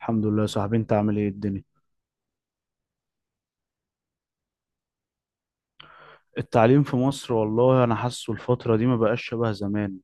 الحمد لله يا صاحبي، انت عامل ايه الدنيا؟ التعليم في مصر والله انا حاسه الفترة دي ما بقاش شبه زمان.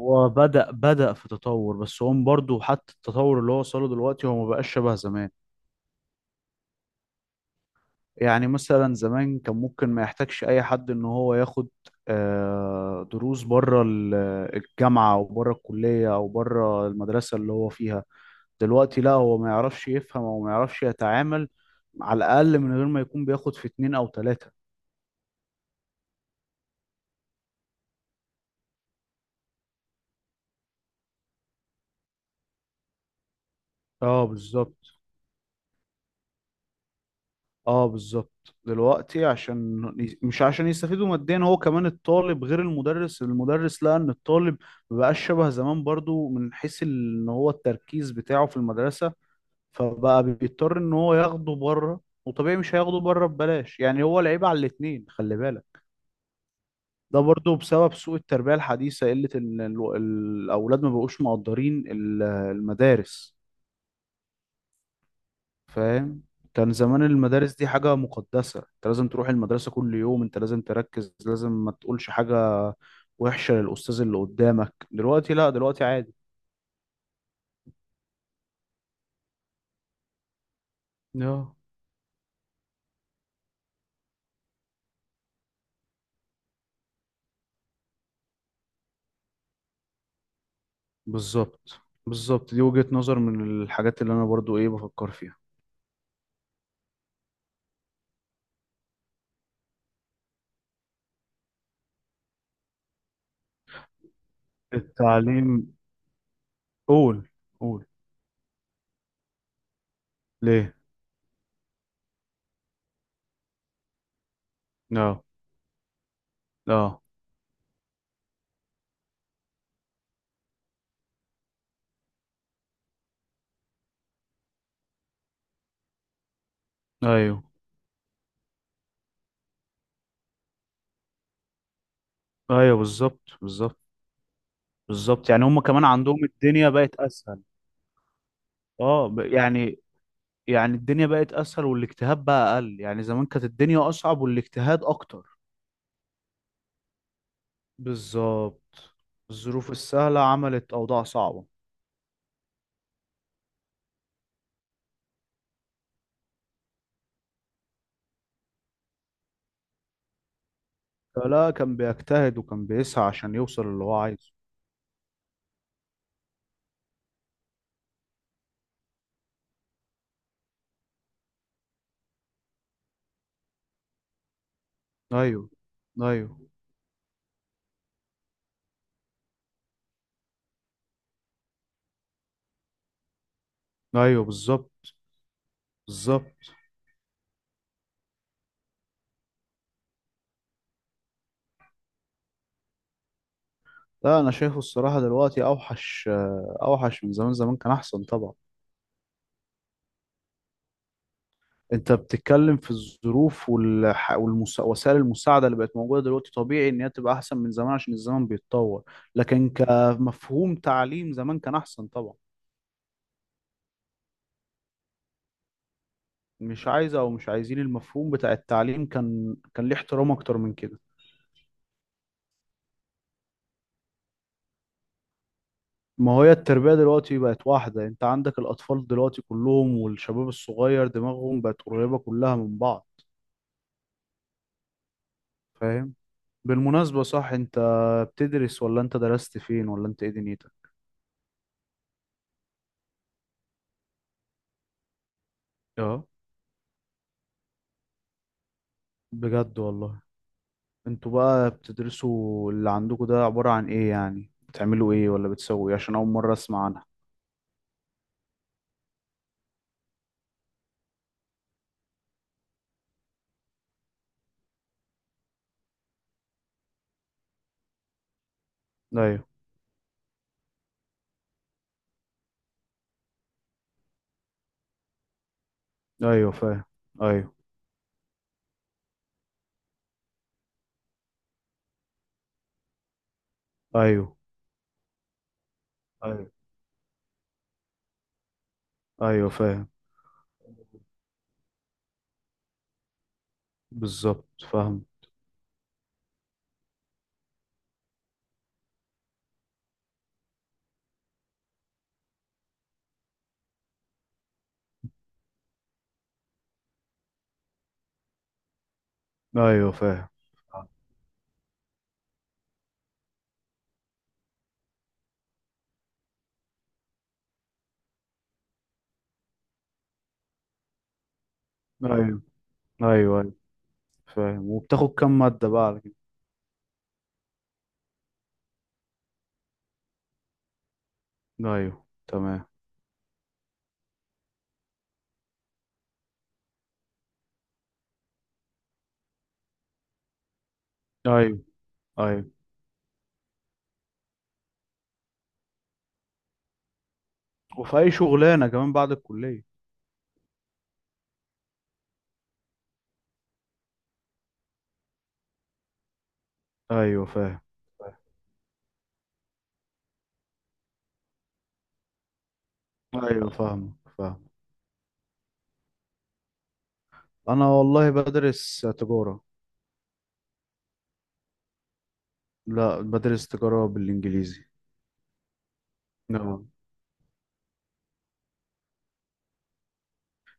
هو بدأ في تطور، بس هو برضه حتى التطور اللي هو وصله دلوقتي هو ما بقاش شبه زمان. يعني مثلا زمان كان ممكن ما يحتاجش اي حد ان هو ياخد دروس بره الجامعة او بره الكلية او بره المدرسة اللي هو فيها. دلوقتي لا، هو ما يعرفش يفهم او ما يعرفش يتعامل، على الاقل من غير ما يكون بياخد في اتنين او تلاتة. اه بالظبط. اه بالظبط دلوقتي عشان مش عشان يستفيدوا ماديا، هو كمان الطالب غير المدرس لقى ان الطالب مبقاش شبه زمان برضو من حيث ان هو التركيز بتاعه في المدرسة، فبقى بيضطر ان هو ياخده بره، وطبيعي مش هياخده بره ببلاش، يعني هو لعيب على الاتنين خلي بالك. ده برضو بسبب سوء التربية الحديثة، قلة ان الاولاد ما بقوش مقدرين المدارس. فاهم. كان زمان المدارس دي حاجة مقدسة، انت لازم تروح المدرسة كل يوم، انت لازم تركز، لازم ما تقولش حاجة وحشة للأستاذ اللي قدامك. دلوقتي لا، دلوقتي عادي. اه بالظبط. بالظبط، دي وجهة نظر من الحاجات اللي انا برضو ايه بفكر فيها. التعليم. قول قول. ليه. اه اه. ايوه ايوه. بالظبط بالظبط بالظبط. يعني هم كمان عندهم الدنيا بقت اسهل. اه يعني الدنيا بقت اسهل والاجتهاد بقى اقل، يعني زمان كانت الدنيا اصعب والاجتهاد اكتر. بالظبط. الظروف السهلة عملت اوضاع صعبة. فلا كان بيجتهد وكان بيسعى عشان يوصل اللي هو عايزه. ايوه ايوه ايوه. بالظبط بالظبط. لا، انا شايفه الصراحة دلوقتي اوحش، اوحش من زمان. زمان كان احسن طبعا. انت بتتكلم في الظروف وسائل المساعده اللي بقت موجوده دلوقتي، طبيعي ان هي تبقى احسن من زمان عشان الزمن بيتطور. لكن كمفهوم تعليم، زمان كان احسن طبعا. مش عايزه او مش عايزين. المفهوم بتاع التعليم كان ليه احترام اكتر من كده. ما هي التربيه دلوقتي بقت واحده، انت عندك الاطفال دلوقتي كلهم والشباب الصغير دماغهم بقت قريبه كلها من بعض. فاهم. بالمناسبه صح، انت بتدرس ولا انت درست فين ولا انت ايه دنيتك؟ اه. بجد والله. انتوا بقى بتدرسوا اللي عندكم ده عبارة عن ايه؟ يعني بتعملوا ايه ولا بتسووا ايه؟ عشان اول مرة اسمع عنها. ايوه ايوه فاهم. ايوه ايوه. ايوه ايوه فاهم. بالظبط فاهم. ايوه فاهم. ايوه ايوه. ايوه فاهم. وبتاخد كام مادة بقى على كده؟ ايوه تمام. ايوه ايوه. وفي اي شغلانة كمان بعد الكلية. ايوه فاهم. ايوه فاهم فاهم. انا والله بدرس تجارة. لا، بدرس تجارة بالانجليزي. نعم.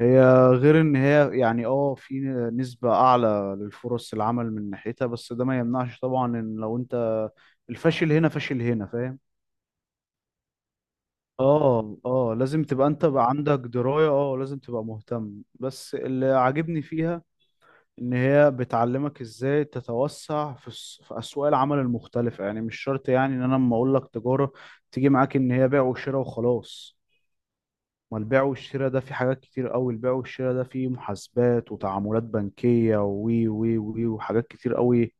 هي غير ان هي يعني في نسبة اعلى للفرص العمل من ناحيتها، بس ده ما يمنعش طبعا ان لو انت الفاشل هنا فاشل هنا، فاهم. اه اه، لازم تبقى انت بقى عندك دراية، اه لازم تبقى مهتم. بس اللي عاجبني فيها ان هي بتعلمك ازاي تتوسع في في اسواق العمل المختلفة. يعني مش شرط يعني ان انا لما اقول لك تجارة تيجي معاك ان هي بيع وشراء وخلاص. ما البيع والشراء ده في حاجات كتير قوي، البيع والشراء ده فيه محاسبات وتعاملات بنكية وي وي وي وحاجات كتير قوي.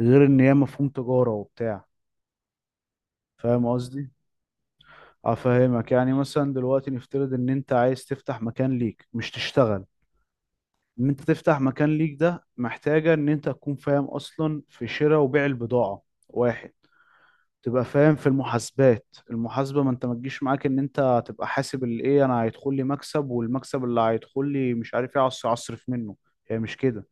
غير ان هي مفهوم تجارة وبتاع، فاهم قصدي؟ افهمك. يعني مثلا دلوقتي نفترض ان انت عايز تفتح مكان ليك مش تشتغل. ان انت تفتح مكان ليك ده محتاجة ان انت تكون فاهم اصلا في شراء وبيع البضاعة، واحد. تبقى فاهم في المحاسبات. المحاسبة، ما انت ما تجيش معاك ان انت تبقى حاسب الايه انا هيدخل لي مكسب، والمكسب اللي هيدخل لي مش عارف ايه اصرف اصرف منه. هي مش كده.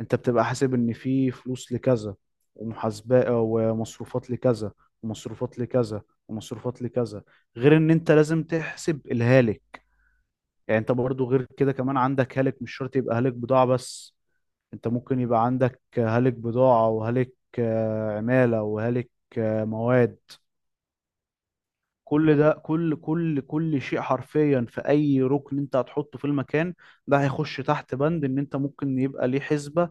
انت بتبقى حاسب ان في فلوس لكذا، ومحاسبة ومصروفات لكذا، ومصروفات لكذا، ومصروفات لكذا. غير ان انت لازم تحسب الهالك. يعني انت برضو غير كده كمان عندك هالك. مش شرط يبقى هالك بضاعة بس، انت ممكن يبقى عندك هالك بضاعة وهالك عمالة وهالك مواد. كل ده، كل شيء حرفيا، في اي ركن انت هتحطه في المكان ده، هيخش تحت بند ان انت ممكن يبقى ليه حسبة.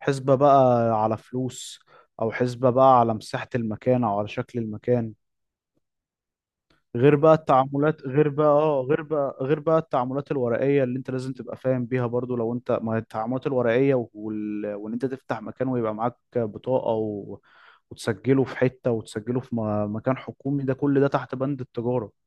حسبة بقى على فلوس، او حسبة بقى على مساحة المكان، او على شكل المكان. غير بقى التعاملات، غير بقى اه غير بقى غير بقى التعاملات الورقية اللي انت لازم تبقى فاهم بيها برضو. لو انت ما هي التعاملات الورقية وان انت تفتح مكان ويبقى معاك بطاقة وتسجله في حتة، وتسجله في مكان حكومي، ده كل ده تحت بند التجارة.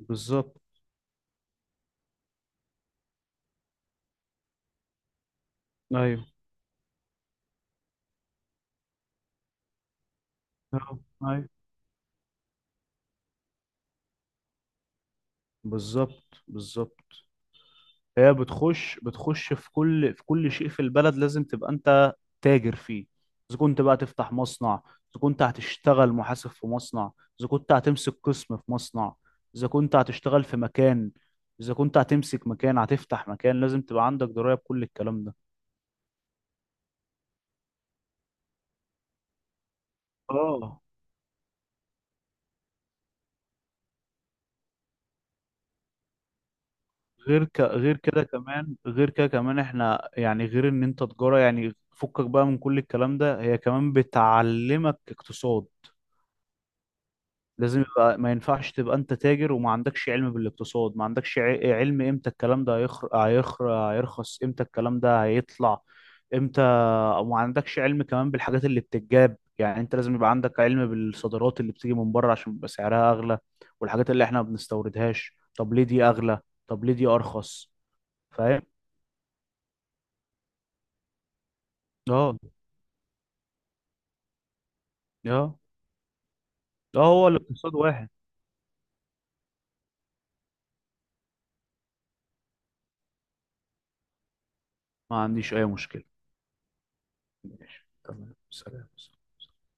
بالظبط. ايوه، ايوه. بالظبط بالظبط. هي بتخش في كل شيء في البلد. لازم تبقى انت تاجر فيه. اذا كنت بقى تفتح مصنع، اذا كنت هتشتغل محاسب في مصنع، اذا كنت هتمسك قسم في مصنع، اذا كنت هتشتغل في مكان، اذا كنت هتمسك مكان، هتفتح مكان، لازم تبقى عندك دراية بكل الكلام ده. اه. غير كده كمان احنا يعني غير ان انت تجارة يعني فكك بقى من كل الكلام ده، هي كمان بتعلمك اقتصاد. لازم يبقى، ما ينفعش تبقى انت تاجر وما عندكش علم بالاقتصاد، ما عندكش علم امتى الكلام ده هيرخص، امتى الكلام ده هيطلع، امتى. وما عندكش علم كمان بالحاجات اللي بتتجاب. يعني انت لازم يبقى عندك علم بالصادرات اللي بتيجي من بره عشان بيبقى سعرها اغلى، والحاجات اللي احنا ما بنستوردهاش، طب ليه دي اغلى، طب ليه دي ارخص. فاهم. اه اه اه، هو الاقتصاد واحد. ما عنديش اي مشكلة. تمام سلام.